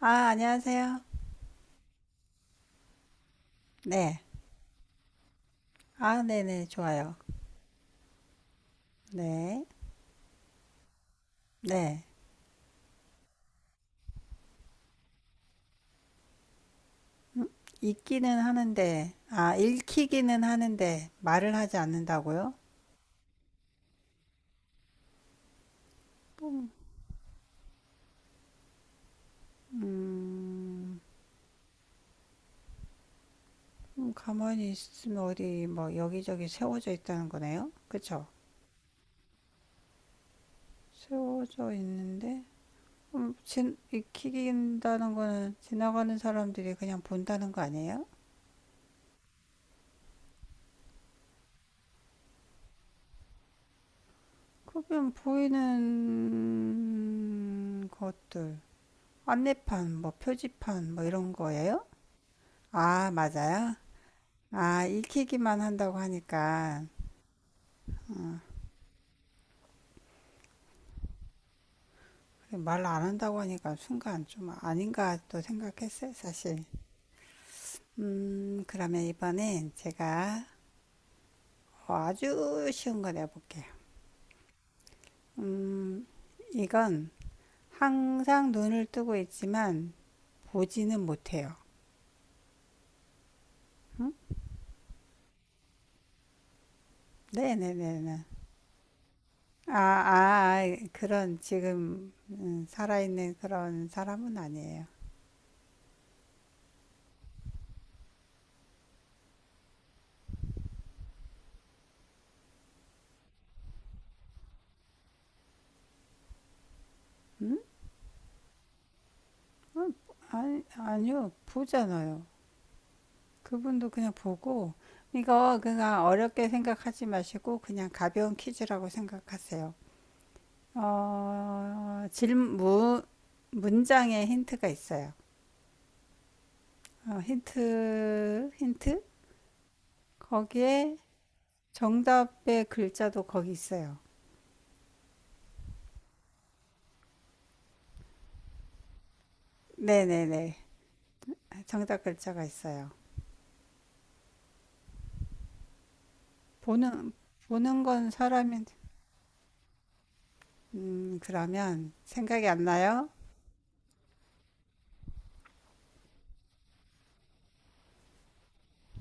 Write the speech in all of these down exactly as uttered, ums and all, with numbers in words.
아, 안녕하세요. 네. 아, 네네, 좋아요. 네. 네. 읽기는 하는데, 아, 읽히기는 하는데, 말을 하지 않는다고요? 음, 음, 가만히 있으면 어디, 뭐, 여기저기 세워져 있다는 거네요? 그쵸? 세워져 있는데, 음, 진, 읽힌다는 거는 지나가는 사람들이 그냥 본다는 거 아니에요? 그러면 보이는 것들, 안내판, 뭐, 표지판, 뭐, 이런 거예요? 아, 맞아요? 아, 익히기만 한다고 하니까, 말 안 한다고 하니까 순간 좀 아닌가 또 생각했어요, 사실. 음, 그러면 이번엔 제가 아주 쉬운 거 내볼게요. 음, 이건 항상 눈을 뜨고 있지만 보지는 못해요. 네네네네. 아, 아, 아, 그런 지금 음, 살아있는 그런 사람은 아니에요. 음, 아니, 아니요, 보잖아요. 그분도 그냥 보고 이거 그냥 어렵게 생각하지 마시고 그냥 가벼운 퀴즈라고 생각하세요. 어, 질문 문장에 힌트가 있어요. 어, 힌트 힌트 거기에 정답의 글자도 거기 있어요. 네네네 정답 글자가 있어요. 보는 보는 건 사람인 음 그러면 생각이 안 나요?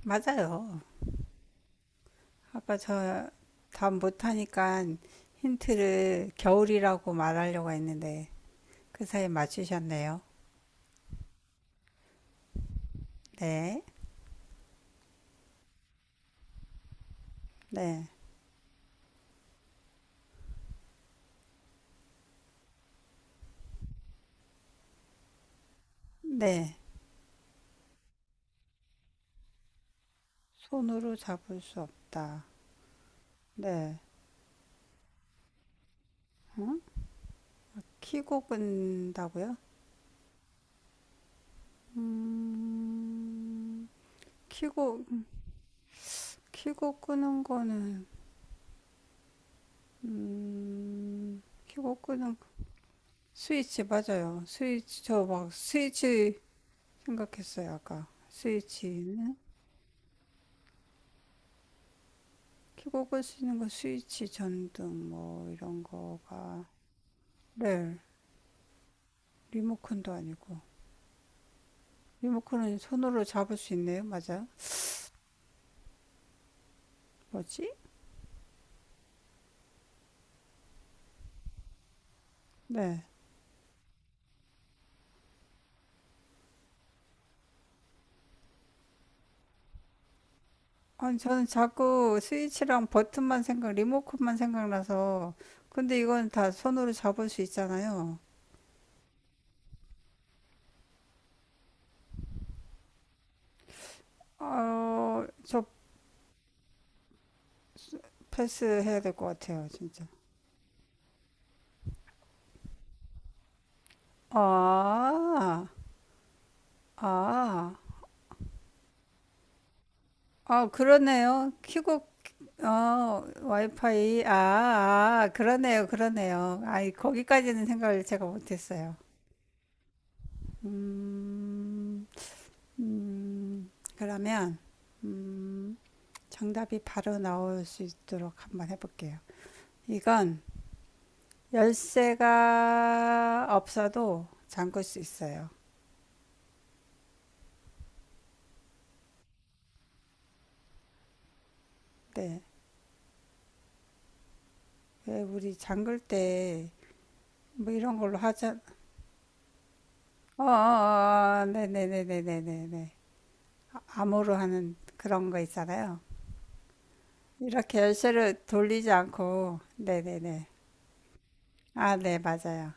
맞아요. 아빠 저 답 못하니까 힌트를 겨울이라고 말하려고 했는데 그 사이 맞추셨네요. 네, 네, 네. 손으로 잡을 수 없다. 네. 응? 키고 끈다고요? 음, 키고, 키고 끄는 거는, 음, 키고 끄는, 스위치 맞아요. 스위치, 저 막 스위치 생각했어요, 아까. 스위치는? 켜고 끌 수 있는 거 스위치, 전등 뭐 이런 거가 네 리모컨도 아니고 리모컨은 손으로 잡을 수 있네요 맞아요 뭐지 네 아니 저는 자꾸 스위치랑 버튼만 생각 리모컨만 생각나서 근데 이건 다 손으로 잡을 수 있잖아요 아저 패스해야 될 것 같아요 진짜 아 아, 아, 그러네요. 키고 어, 와이파이. 아, 아, 그러네요, 그러네요. 아이, 거기까지는 생각을 제가 못했어요. 음, 음, 그러면, 음, 정답이 바로 나올 수 있도록 한번 해볼게요. 이건 열쇠가 없어도 잠글 수 있어요. 네. 왜 우리 잠글 때 뭐 이런 걸로 하자. 어, 어, 어, 네네네네네네. 암호로 하는 그런 거 있잖아요. 이렇게 열쇠를 돌리지 않고, 네네네. 아, 네, 맞아요.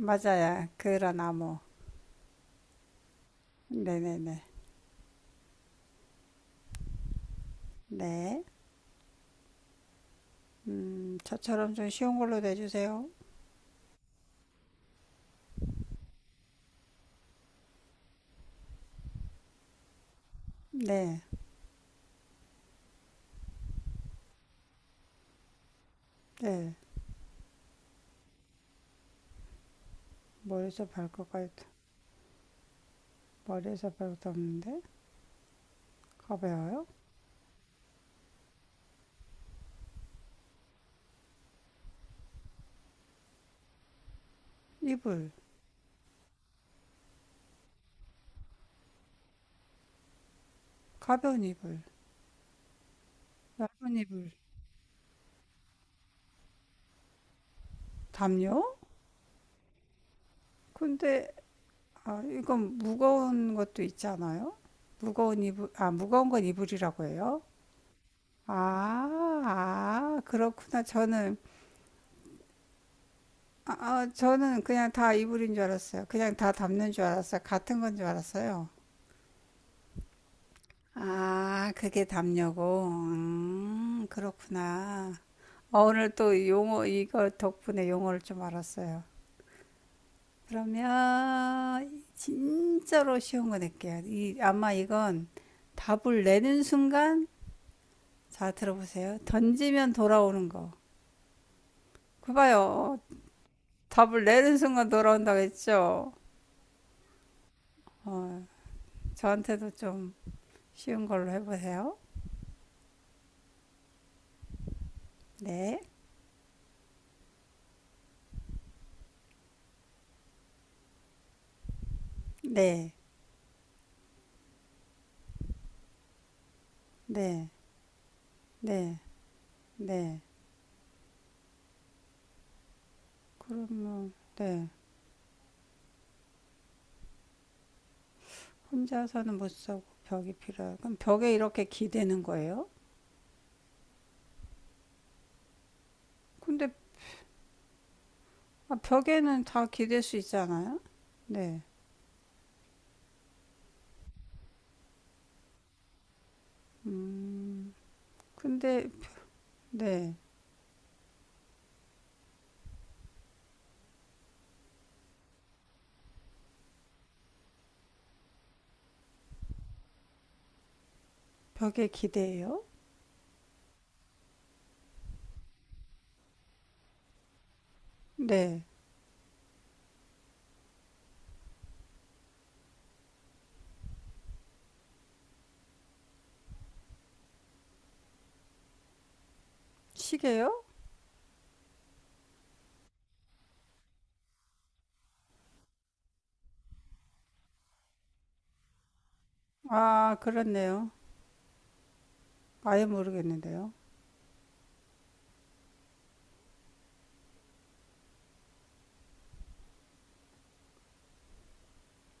맞아요. 그런 나무. 네네네. 네. 음, 저처럼 좀 쉬운 걸로 내주세요. 네, 네. 머리에서 발끝까지, 머리에서 발끝 없는데? 가벼워요? 이불. 가벼운 이불. 얇은 이불. 담요? 근데, 아, 이건 무거운 것도 있잖아요? 무거운 이불, 아, 무거운 건 이불이라고 해요? 아, 아, 그렇구나. 저는 아, 아, 저는 그냥 다 이불인 줄 알았어요. 그냥 다 담는 줄 알았어요. 같은 건 줄 알았어요. 아, 그게 담요고. 음, 그렇구나. 어, 오늘 또 용어, 이거 덕분에 용어를 좀 알았어요. 그러면, 진짜로 쉬운 거 낼게요. 이, 아마 이건 답을 내는 순간, 자, 들어보세요. 던지면 돌아오는 거. 그 봐요. 답을 내는 순간 돌아온다고 했죠. 어, 저한테도 좀 쉬운 걸로 해보세요. 네, 네, 네, 네, 네. 그럼 뭐, 네. 혼자서는 못 쓰고 벽이 필요해요. 그럼 벽에 이렇게 기대는 거예요? 근데 아, 벽에는 다 기댈 수 있잖아요. 네, 음, 근데 네, 벽에 기대요? 네, 시계요? 아, 그렇네요. 아예 모르겠는데요.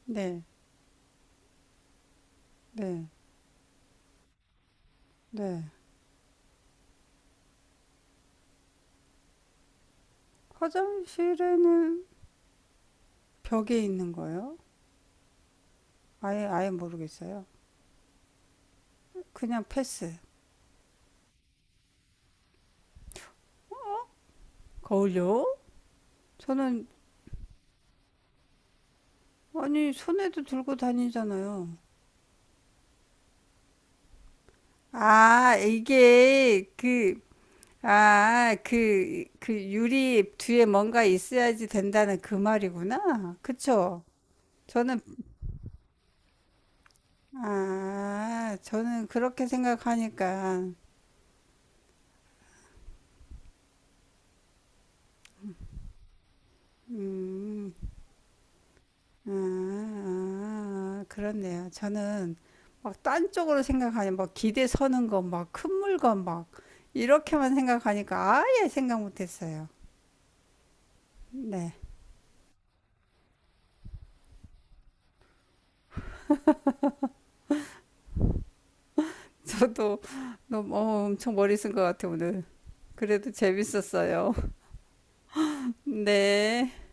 네, 네, 네. 화장실에는 벽에 있는 거예요? 아예 아예 모르겠어요. 그냥 패스. 거울요? 저는 아니 손에도 들고 다니잖아요. 아, 이게 그 아, 그, 그 유리 뒤에 뭔가 있어야지 된다는 그 말이구나. 그쵸? 저는, 아, 저는 그렇게 생각하니까, 음. 아, 아, 그렇네요. 저는 막 딴 쪽으로 생각하니 막 기대 서는 거, 막 큰 물건 막 이렇게만 생각하니까 아예 생각 못했어요. 네, 저도 너무 어, 엄청 머리 쓴 것 같아요 오늘. 그래도 재밌었어요. 네.